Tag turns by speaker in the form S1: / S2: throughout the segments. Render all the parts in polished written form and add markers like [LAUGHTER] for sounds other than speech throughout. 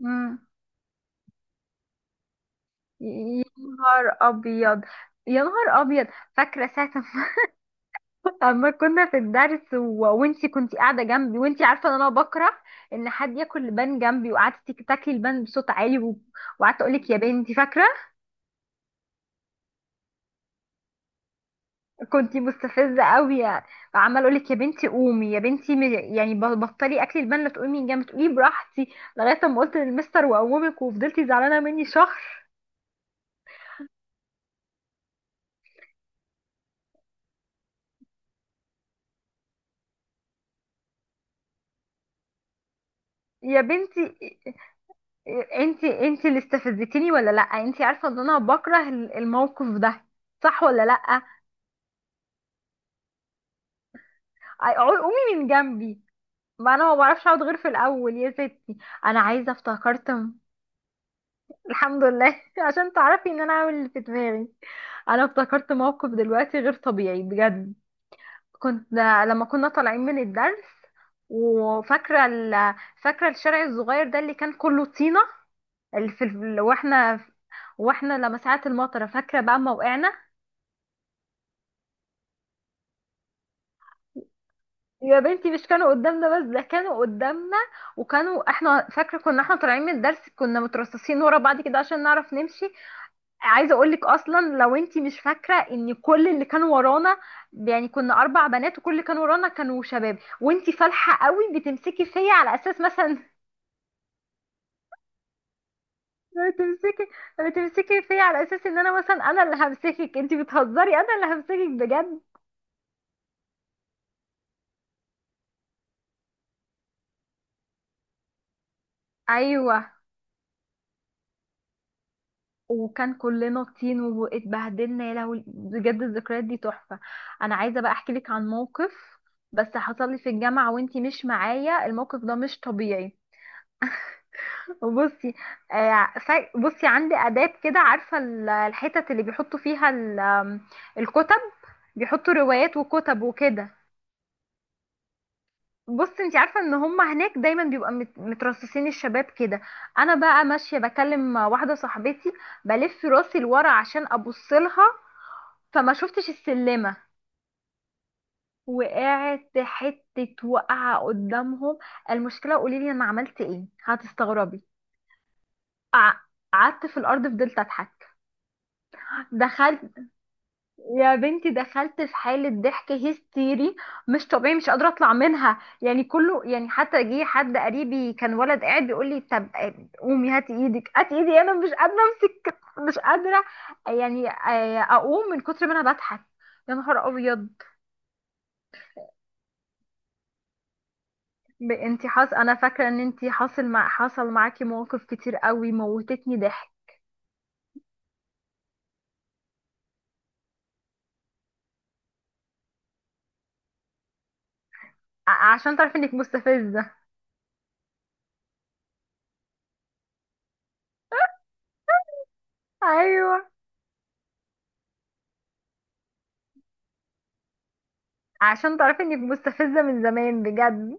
S1: مم. يا نهار ابيض. يا نهار ابيض. فاكره ساعه ما [LAUGHS] أما كنا في الدرس و... وانتي كنتي قاعده جنبي، وانتي عارفه ان انا بكره ان حد ياكل لبان جنبي، وقعدتي تاكلي لبان بصوت عالي وقعدت اقول لك يا بنتي، فاكره؟ كنتي مستفزه قوي، عمال اقول لك يا بنتي قومي يا بنتي، بطلي اكلي لبان، لا تقومي من جنبي تقولي براحتي لغايه ما قلت للمستر واقومك، وفضلتي زعلانه مني شهر. يا بنتي، انت اللي استفزتيني ولا لا، انت عارفه ان انا بكره الموقف ده، صح ولا لا؟ قومي من جنبي، ما انا ما بعرفش اقعد غير في الاول يا ستي. انا عايزه افتكرت الحمد لله [LAUGHS] عشان تعرفي ان انا عامل اللي في دماغي. انا افتكرت موقف دلوقتي غير طبيعي بجد. كنت لما كنا طالعين من الدرس وفاكره فاكره الشارع الصغير ده اللي كان كله طينه، اللي في واحنا، واحنا لما ساعه المطره فاكره بقى ما وقعنا. يا بنتي، مش كانوا قدامنا بس، ده كانوا قدامنا وكانوا، احنا فاكره كنا احنا طالعين من الدرس، كنا مترصصين ورا بعض كده عشان نعرف نمشي. عايزه اقول لك اصلا لو انتي مش فاكره ان كل اللي كانوا ورانا، يعني كنا اربع بنات وكل اللي كانوا ورانا كانوا شباب، وانتي فالحه قوي بتمسكي فيا على اساس مثلا [LAUGHS] بتمسكي بتمسكي فيا على اساس ان انا، مثلا انا اللي همسكك انتي بتهزري، انا اللي همسكك بجد. ايوه وكان كلنا طين واتبهدلنا، يا لهوي بجد الذكريات دي تحفة. انا عايزة بقى احكي لك عن موقف بس حصل لي في الجامعة وانتي مش معايا، الموقف ده مش طبيعي. بصي، بصي عندي آداب كده، عارفة الحتت اللي بيحطوا فيها ال- آم، الكتب، بيحطوا روايات وكتب وكده. بص انت عارفه ان هم هناك دايما بيبقى مترصصين الشباب كده. انا بقى ماشيه بكلم واحده صاحبتي، بلف راسي لورا عشان ابص لها، فما شفتش السلمه، وقعت حته وقعه قدامهم. المشكله، قولي لي انا عملت ايه، هتستغربي. قعدت في الارض فضلت اضحك. دخلت يا بنتي دخلت في حالة ضحك هستيري، مش طبيعي، مش قادرة اطلع منها يعني، كله يعني حتى جه حد قريبي كان ولد قاعد بيقول لي طب قومي هاتي ايدك هاتي ايدي، انا مش قادرة امسك، مش قادرة، يعني اقوم من كتر ما انا بضحك. يا نهار ابيض. ب- انتي حاص انا فاكرة ان انتي حاصل مع حصل معاكي مواقف كتير قوي موتتني ضحك. عشان تعرفي انك مستفزة. [LAUGHS] ايوه، عشان تعرفي انك مستفزة من زمان بجد.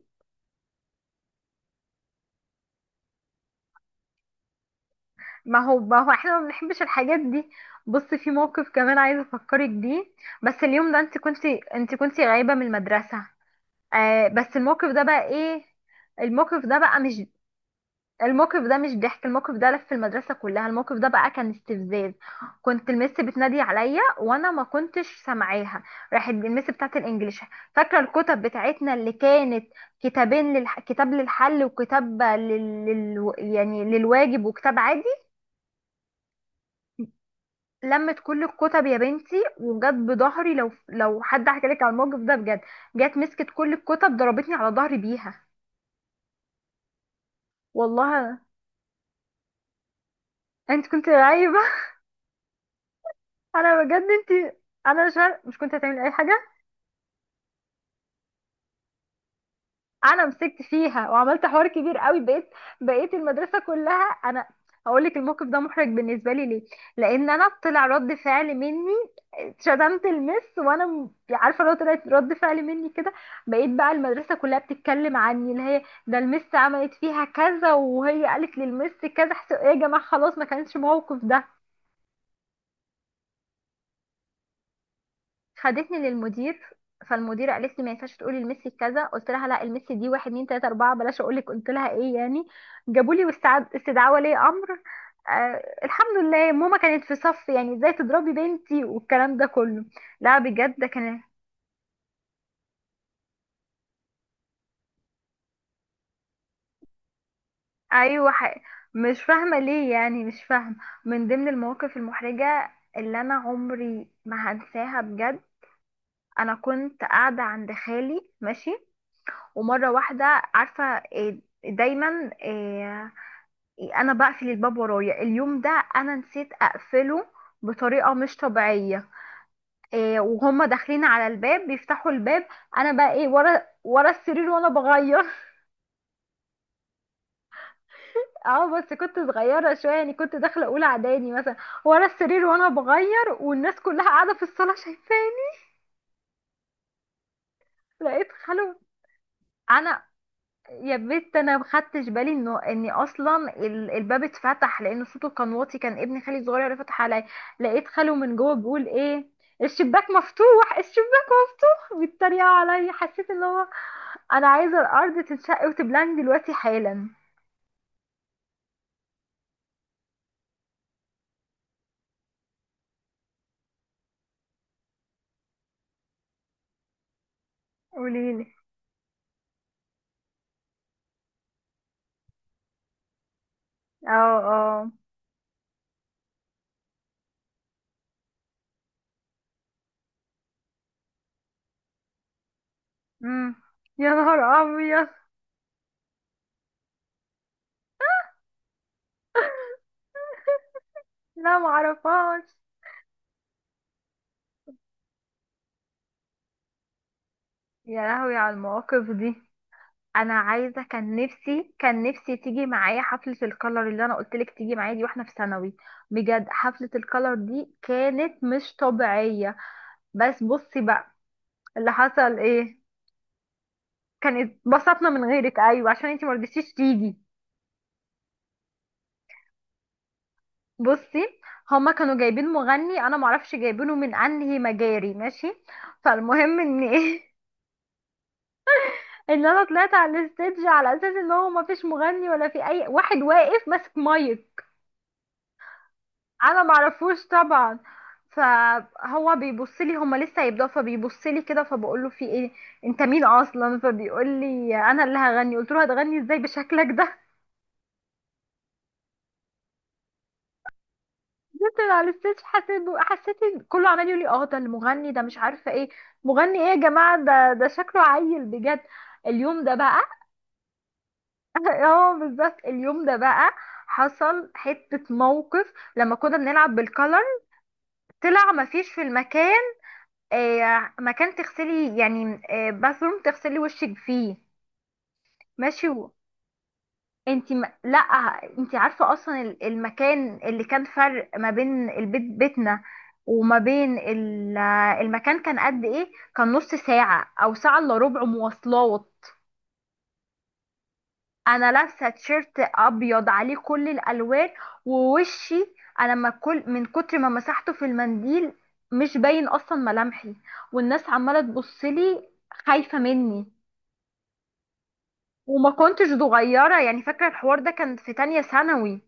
S1: ما هو، ما هو احنا ما بنحبش الحاجات دي. بص، في موقف كمان عايزه افكرك بيه بس. اليوم ده انت كنتي، انت كنتي غايبه من المدرسه. آه، بس الموقف ده بقى ايه؟ الموقف ده بقى مش، الموقف ده مش ضحك، الموقف ده لف في المدرسه كلها، الموقف ده بقى كان استفزاز. كنت المس بتنادي عليا وانا ما كنتش سامعاها، راحت المس بتاعت الانجليش، فاكره الكتب بتاعتنا اللي كانت كتابين كتاب للحل وكتاب يعني للواجب وكتاب عادي. لمت كل الكتب يا بنتي وجت بظهري، لو حد حكى لك على الموقف ده بجد، جت مسكت كل الكتب ضربتني على ظهري بيها. والله. انت كنت عايبه. [LAUGHS] انا بجد انت، انا مش كنت هتعمل اي حاجه. انا مسكت فيها وعملت حوار كبير قوي، بقيت المدرسه كلها انا. هقول لك الموقف ده محرج بالنسبه لي ليه، لان انا طلع رد فعل مني، شتمت المس، وانا عارفه لو طلعت رد فعل مني كده، بقيت بقى المدرسه كلها بتتكلم عني، اللي هي ده المس عملت فيها كذا وهي قالت للمس كذا، ايه يا جماعه، خلاص ما كانش موقف ده. خدتني للمدير، فالمدير قالت لي ما ينفعش تقولي لميسي كذا، قلت لها لا، الميسي دي واحد اتنين تلاته اربعه، بلاش اقول لك قلت لها ايه يعني. جابوا لي استدعاء ولي امر. آه الحمد لله ماما كانت في صف، يعني ازاي تضربي بنتي، والكلام ده كله. لا بجد ده كان، ايوه حق. مش فاهمه ليه، يعني مش فاهمه. من ضمن المواقف المحرجه اللي انا عمري ما هنساها بجد، انا كنت قاعده عند خالي ماشي، ومره واحده عارفه إيه، دايما انا بقفل الباب ورايا، اليوم ده انا نسيت اقفله بطريقه مش طبيعيه. إيه، وهما داخلين على الباب بيفتحوا الباب، انا بقى ايه، ورا السرير وانا بغير. [LAUGHS] اه بس كنت صغيره شويه، يعني كنت داخله اولى اعدادي مثلا، ورا السرير وانا بغير والناس كلها قاعده في الصاله شايفاني. لقيت خلو. انا يا بنت، انا ما خدتش بالي انه اني اصلا الباب اتفتح، لان صوته كان واطي، كان ابني خالي الصغير اللي فتح عليا. لقيت خاله من جوه بيقول ايه الشباك مفتوح الشباك. [LAUGHS] بيتريقوا عليا، حسيت ان هو، انا عايزه الارض تنشق وتبلعني دلوقتي حالا. قوليلي. اه اه. امم. يا نهار ابيض. [LAUGHS] لا معرفهاش. يا لهوي على المواقف دي. انا عايزه، كان نفسي تيجي معايا حفله الكلر اللي انا قلت لك تيجي معايا دي، واحنا في ثانوي. بجد حفله الكلر دي كانت مش طبيعيه، بس بصي بقى اللي حصل ايه. كان، اتبسطنا من غيرك ايوه عشان انتي ما رضيتيش تيجي. بصي، هما كانوا جايبين مغني انا معرفش جايبينه من انهي مجاري، ماشي، فالمهم ان ايه، [LAUGHS] ان انا طلعت على الستيدج على اساس ان هو مفيش مغني ولا في اي واحد واقف ماسك مايك. انا معرفوش طبعا، فهو بيبص لي، هما لسه هيبداوا فبيبص لي كده، فبقول له في ايه، انت مين اصلا، فبيقول لي انا اللي هغني، قلت له هتغني ازاي بشكلك ده. [LAUGHS] قلت له على الستيج، حسيت إن كله عمال يقول لي اه ده المغني، ده مش عارفه ايه، مغني ايه يا جماعه، ده شكله عيل بجد. اليوم ده بقى، [LAUGHS] اه بالظبط، اليوم ده بقى حصل حته موقف لما كنا بنلعب بالكلر، طلع مفيش في المكان مكان تغسلي، يعني باثروم تغسلي وشك فيه. ماشي انت لا، انت عارفه اصلا المكان اللي كان، فرق ما بين البيت، بيتنا وما بين المكان، كان قد ايه، كان نص ساعه او ساعه الا ربع مواصلات. انا لابسه تيشيرت ابيض عليه كل الالوان ووشي، انا ما كل من كتر ما مسحته في المنديل مش باين اصلا ملامحي، والناس عماله تبصلي خايفه مني. وما كنتش صغيرة يعني، فاكرة الحوار ده كان في تانية ثانوي.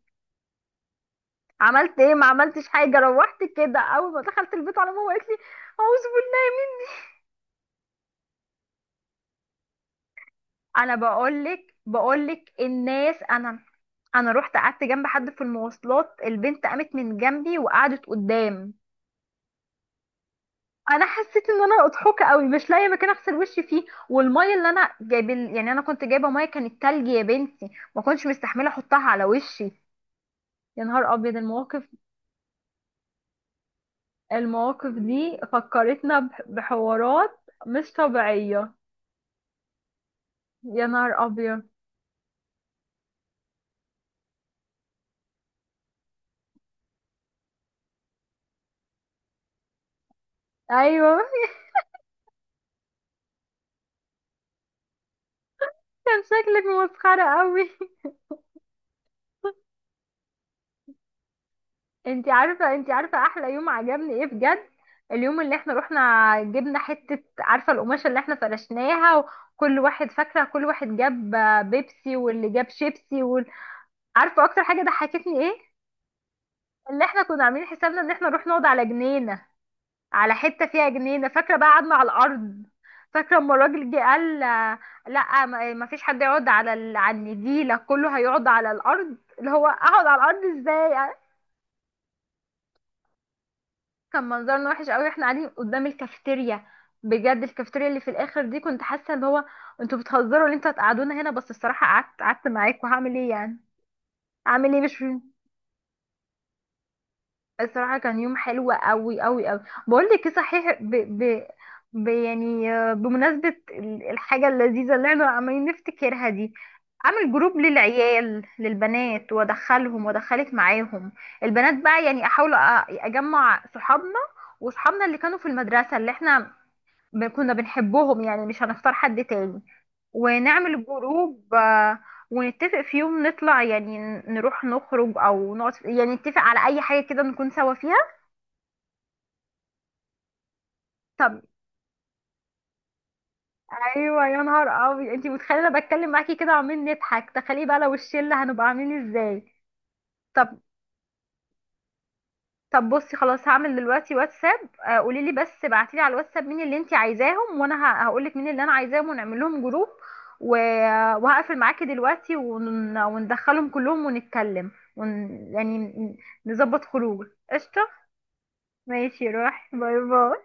S1: عملت ايه، ما عملتش حاجة، روحت كده، اول ما دخلت البيت على ماما قالت لي اعوذ بالله. انا بقولك الناس، انا انا رحت قعدت جنب حد في المواصلات، البنت قامت من جنبي وقعدت قدام. انا حسيت ان انا اضحوكه قوي، مش لاقيه مكان اغسل وشي فيه، والميه اللي انا جايب، يعني انا كنت جايبه ميه كانت تلج يا بنتي، ما كنتش مستحمله احطها على وشي. يا نهار ابيض المواقف، المواقف دي فكرتنا بحوارات مش طبيعية. يا نهار ابيض. ايوه. [LAUGHS] كان شكلك مسخرة قوي. انتي [LAUGHS] عارفة احلى يوم عجبني ايه بجد، اليوم اللي احنا رحنا، جبنا حتة، عارفة القماشة اللي احنا فرشناها، وكل واحد، فاكرة كل واحد جاب بيبسي واللي جاب شيبسي عارفة اكتر حاجة ضحكتني ايه؟ اللي احنا كنا عاملين حسابنا ان احنا نروح نقعد على جنينة، على حته فيها جنينه، فاكره بقى قعدنا على الارض. فاكره اما الراجل جه قال لا، ما فيش حد يقعد على على النجيله، كله هيقعد على الارض، اللي هو اقعد على الارض ازاي. كان منظرنا وحش قوي، احنا قاعدين قدام الكافيتيريا، بجد الكافيتيريا اللي في الاخر دي كنت حاسه اللي هو، انتوا بتهزروا اللي انتوا هتقعدونا هنا، بس الصراحه قعدت معاكم هعمل ايه يعني، اعمل ايه مش. الصراحة كان يوم حلو قوي قوي قوي. بقول لك ايه صحيح، يعني بمناسبة الحاجة اللذيذة اللي احنا عمالين نفتكرها دي، اعمل جروب للبنات وادخلهم وادخلك معاهم، البنات بقى، يعني احاول اجمع صحابنا، وصحابنا اللي كانوا في المدرسة اللي احنا كنا بنحبهم يعني، مش هنختار حد تاني، ونعمل جروب ونتفق في يوم نطلع، يعني نروح نخرج او نقعد، يعني نتفق على اي حاجة كده نكون سوا فيها. طب. ايوه، يا نهار ابيض، انتي متخيله انا بتكلم معاكي كده وعمالين نضحك، تخيلي بقى لو الشله هنبقى عاملين ازاي. طب طب بصي، خلاص هعمل دلوقتي واتساب. قولي لي بس، ابعتي لي على الواتساب مين اللي انتي عايزاهم، وانا هقول لك مين اللي انا عايزاهم، ونعمل لهم جروب و- وهقفل معاكي دلوقتي، وندخلهم كلهم ونتكلم ون... يعني نظبط خروج. قشطه، ماشي، روحي، باي باي.